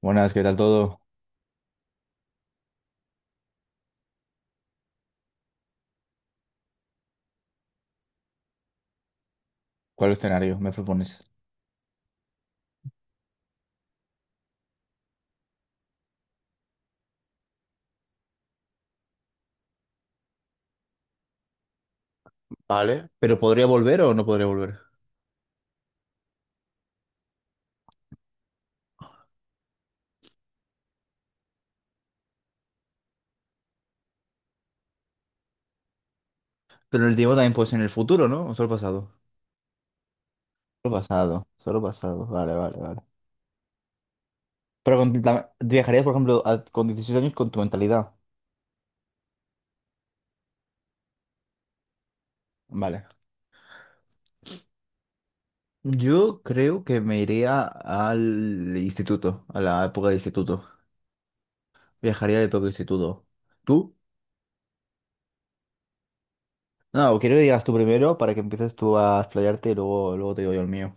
Buenas, ¿qué tal todo? ¿Cuál escenario me propones? Vale, pero ¿podría volver o no podría volver? Pero el tiempo también puede ser en el futuro, ¿no? ¿O solo pasado? Solo pasado, solo pasado. Vale, vale, vale. Pero viajarías, por ejemplo, con 16 años con tu mentalidad. Vale. Yo creo que me iría al instituto, a la época del instituto. Viajaría a la época del instituto. ¿Tú? No, quiero que digas tú primero para que empieces tú a explayarte y luego te digo yo el mío.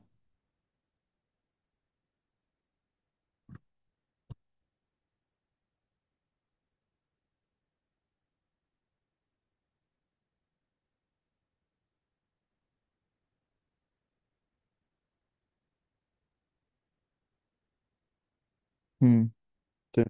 Mm, sí.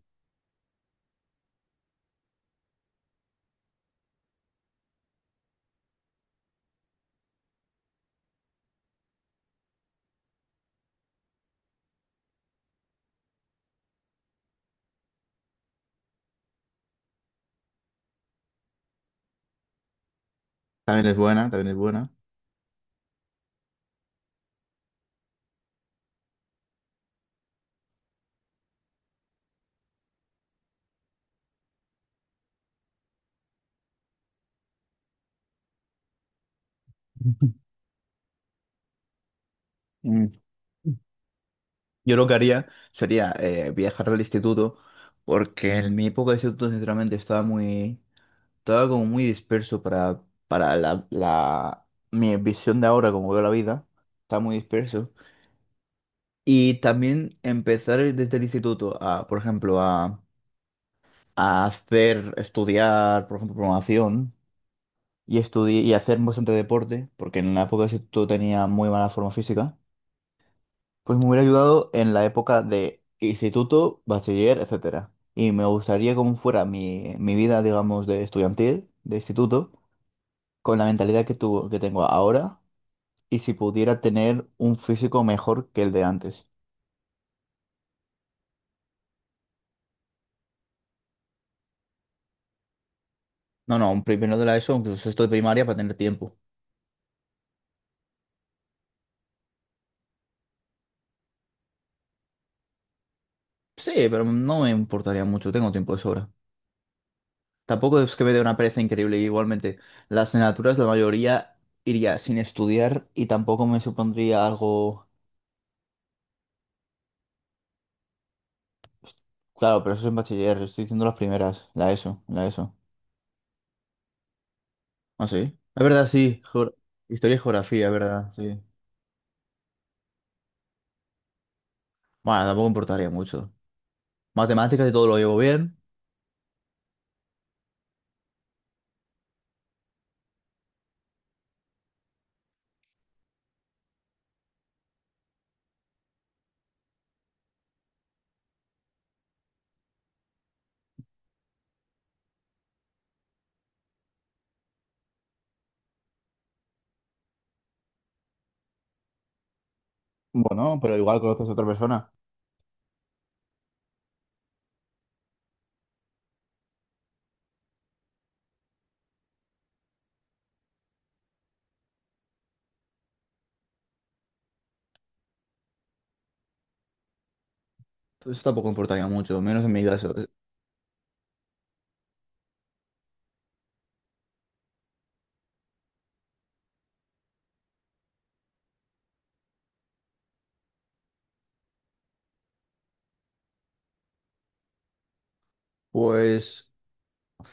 También es buena, también es buena. Mm. Yo lo que haría sería viajar al instituto, porque en mi época de instituto sinceramente estaba como muy disperso para mi visión de ahora, como veo la vida, está muy disperso. Y también empezar desde el instituto a, por ejemplo, a hacer, estudiar, por ejemplo, programación y, y hacer bastante deporte, porque en la época de instituto tenía muy mala forma física. Pues me hubiera ayudado en la época de instituto, bachiller, etcétera. Y me gustaría cómo fuera mi vida, digamos, de estudiantil, de instituto, con la mentalidad que tuvo, que tengo ahora, y si pudiera tener un físico mejor que el de antes. No, no, un primero de la ESO, incluso sexto de primaria, para tener tiempo. Sí, pero no me importaría mucho, tengo tiempo de sobra. Tampoco es que me dé una pereza increíble, igualmente. Las asignaturas, la mayoría iría sin estudiar y tampoco me supondría algo. Claro, pero eso es en bachiller, estoy diciendo las primeras, la ESO, la ESO. Ah, sí. Es verdad, sí. Historia y geografía, es verdad, sí. Bueno, tampoco importaría mucho. Matemáticas y todo lo llevo bien. Bueno, pero igual conoces a otra persona. Eso tampoco importaría mucho, menos en mi caso. Pues,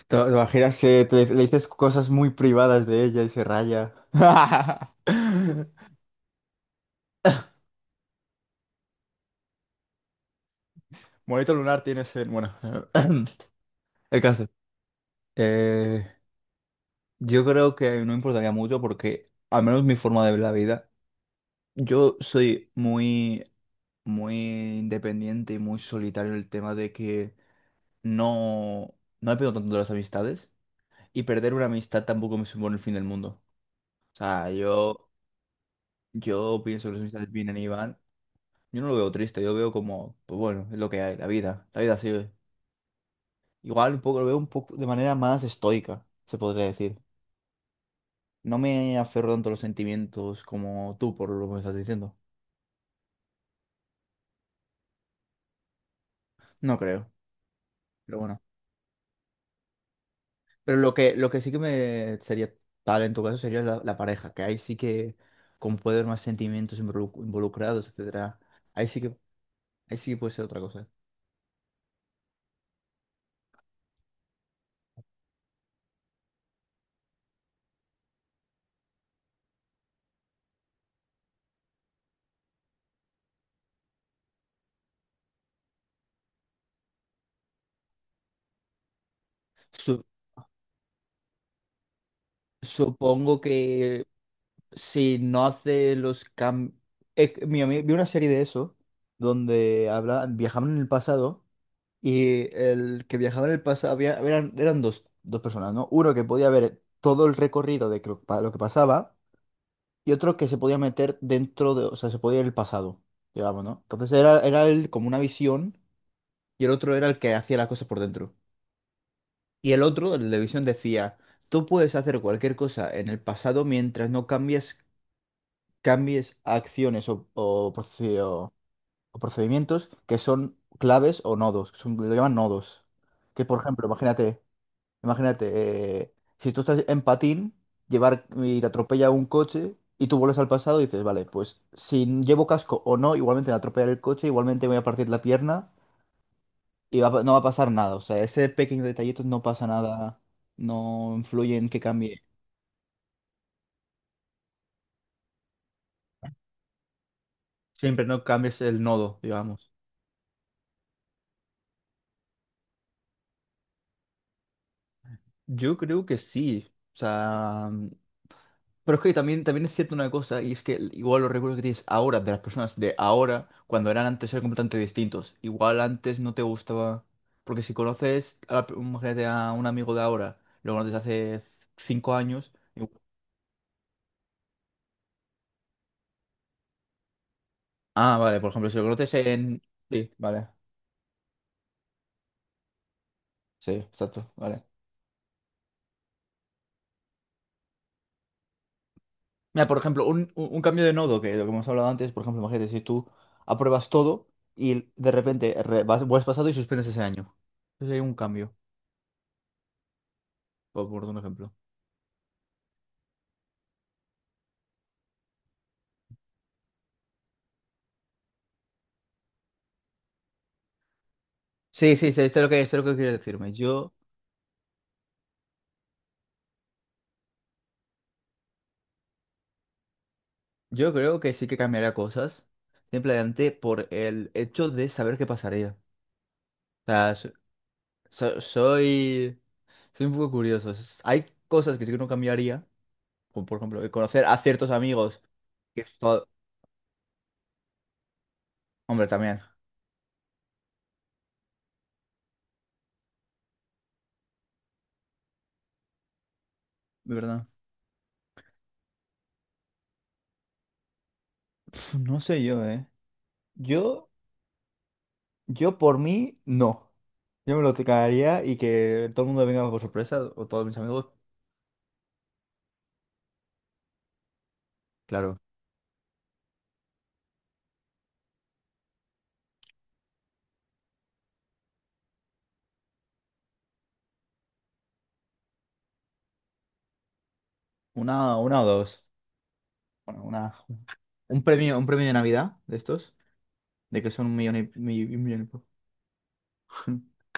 te imaginas que le dices cosas muy privadas de ella y se raya. Monito lunar tienes en... Bueno, el caso. Eh, yo creo que no importaría mucho porque, al menos mi forma de ver la vida. Yo soy muy, muy independiente y muy solitario en el tema de que no, no me pego tanto de las amistades y perder una amistad tampoco me supone el fin del mundo. O sea, yo pienso que las amistades vienen y van. Yo no lo veo triste, yo veo como, pues bueno, es lo que hay, la vida sigue. Igual un poco lo veo un poco de manera más estoica, se podría decir. No me aferro tanto a los sentimientos como tú por lo que me estás diciendo. No creo, pero bueno. Pero lo que sí que me sería tal en tu caso sería la pareja, que ahí sí que como puede haber más sentimientos involucrados, etcétera. Ahí sí que, ahí sí que puede ser otra cosa. Su- supongo que si no hace los cambios. Mira, vi una serie de eso donde habla, viajaban en el pasado y el que viajaba en el pasado eran dos personas, ¿no? Uno que podía ver todo el recorrido de que lo que pasaba. Y otro que se podía meter dentro de, o sea, se podía ir al pasado, digamos, ¿no? Entonces era el, como una visión, y el otro era el que hacía las cosas por dentro. Y el otro, el de visión, decía, tú puedes hacer cualquier cosa en el pasado mientras no cambies acciones o procedimientos que son claves o nodos, lo llaman nodos. Que por ejemplo, imagínate. Imagínate, si tú estás en patín, llevar y te atropella un coche y tú vuelves al pasado y dices, vale, pues si llevo casco o no, igualmente me atropellar el coche, igualmente me voy a partir la pierna y no va a pasar nada. O sea, ese pequeño detallito no pasa nada, no influye en que cambie. Siempre no cambies el nodo, digamos. Yo creo que sí. O sea, mm, pero es que también es cierto una cosa, y es que igual los recuerdos que tienes ahora de las personas de ahora, cuando eran antes, eran completamente distintos. Igual antes no te gustaba. Porque si conoces a, imagínate a un amigo de ahora, lo conoces hace 5 años. Ah, vale, por ejemplo, si lo conoces en. Sí, vale. Sí, exacto, vale. Mira, por ejemplo, un, un cambio de nodo, que lo que hemos hablado antes, por ejemplo, imagínate, si tú apruebas todo y de repente vas, vuelves pasado y suspendes ese año. Eso sería un cambio, por un ejemplo. Sí, sí, sí, esto es lo que quiero decirme. Yo creo que sí que cambiaría cosas, simplemente por el hecho de saber qué pasaría. O sea, so- soy, soy un poco curioso. Hay cosas que sí que no cambiaría, como por ejemplo, conocer a ciertos amigos, que es todo... Hombre, también, de verdad. Pf, no sé yo, ¿eh? Yo... Yo por mí, no. Yo me lo tocaría y que todo el mundo venga por sorpresa, o todos mis amigos. Claro. Una o dos. Bueno, un premio de Navidad de estos, de que son un millón y, un millón y poco.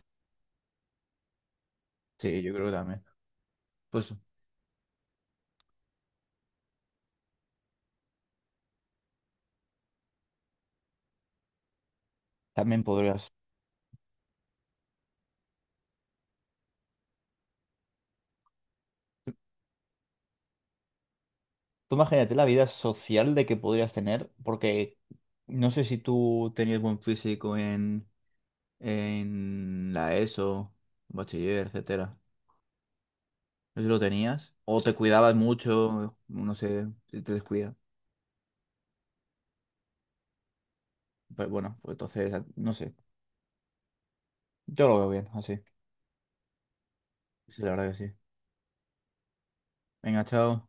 Sí, yo creo que también. Pues también podrías. Tú imagínate la vida social de que podrías tener, porque no sé si tú tenías buen físico en la ESO, bachiller, etcétera. No sé si lo tenías. O te cuidabas mucho, no sé, si te descuidas. Pues bueno, pues entonces, no sé. Yo lo veo bien, así. Sí, la verdad que sí. Venga, chao.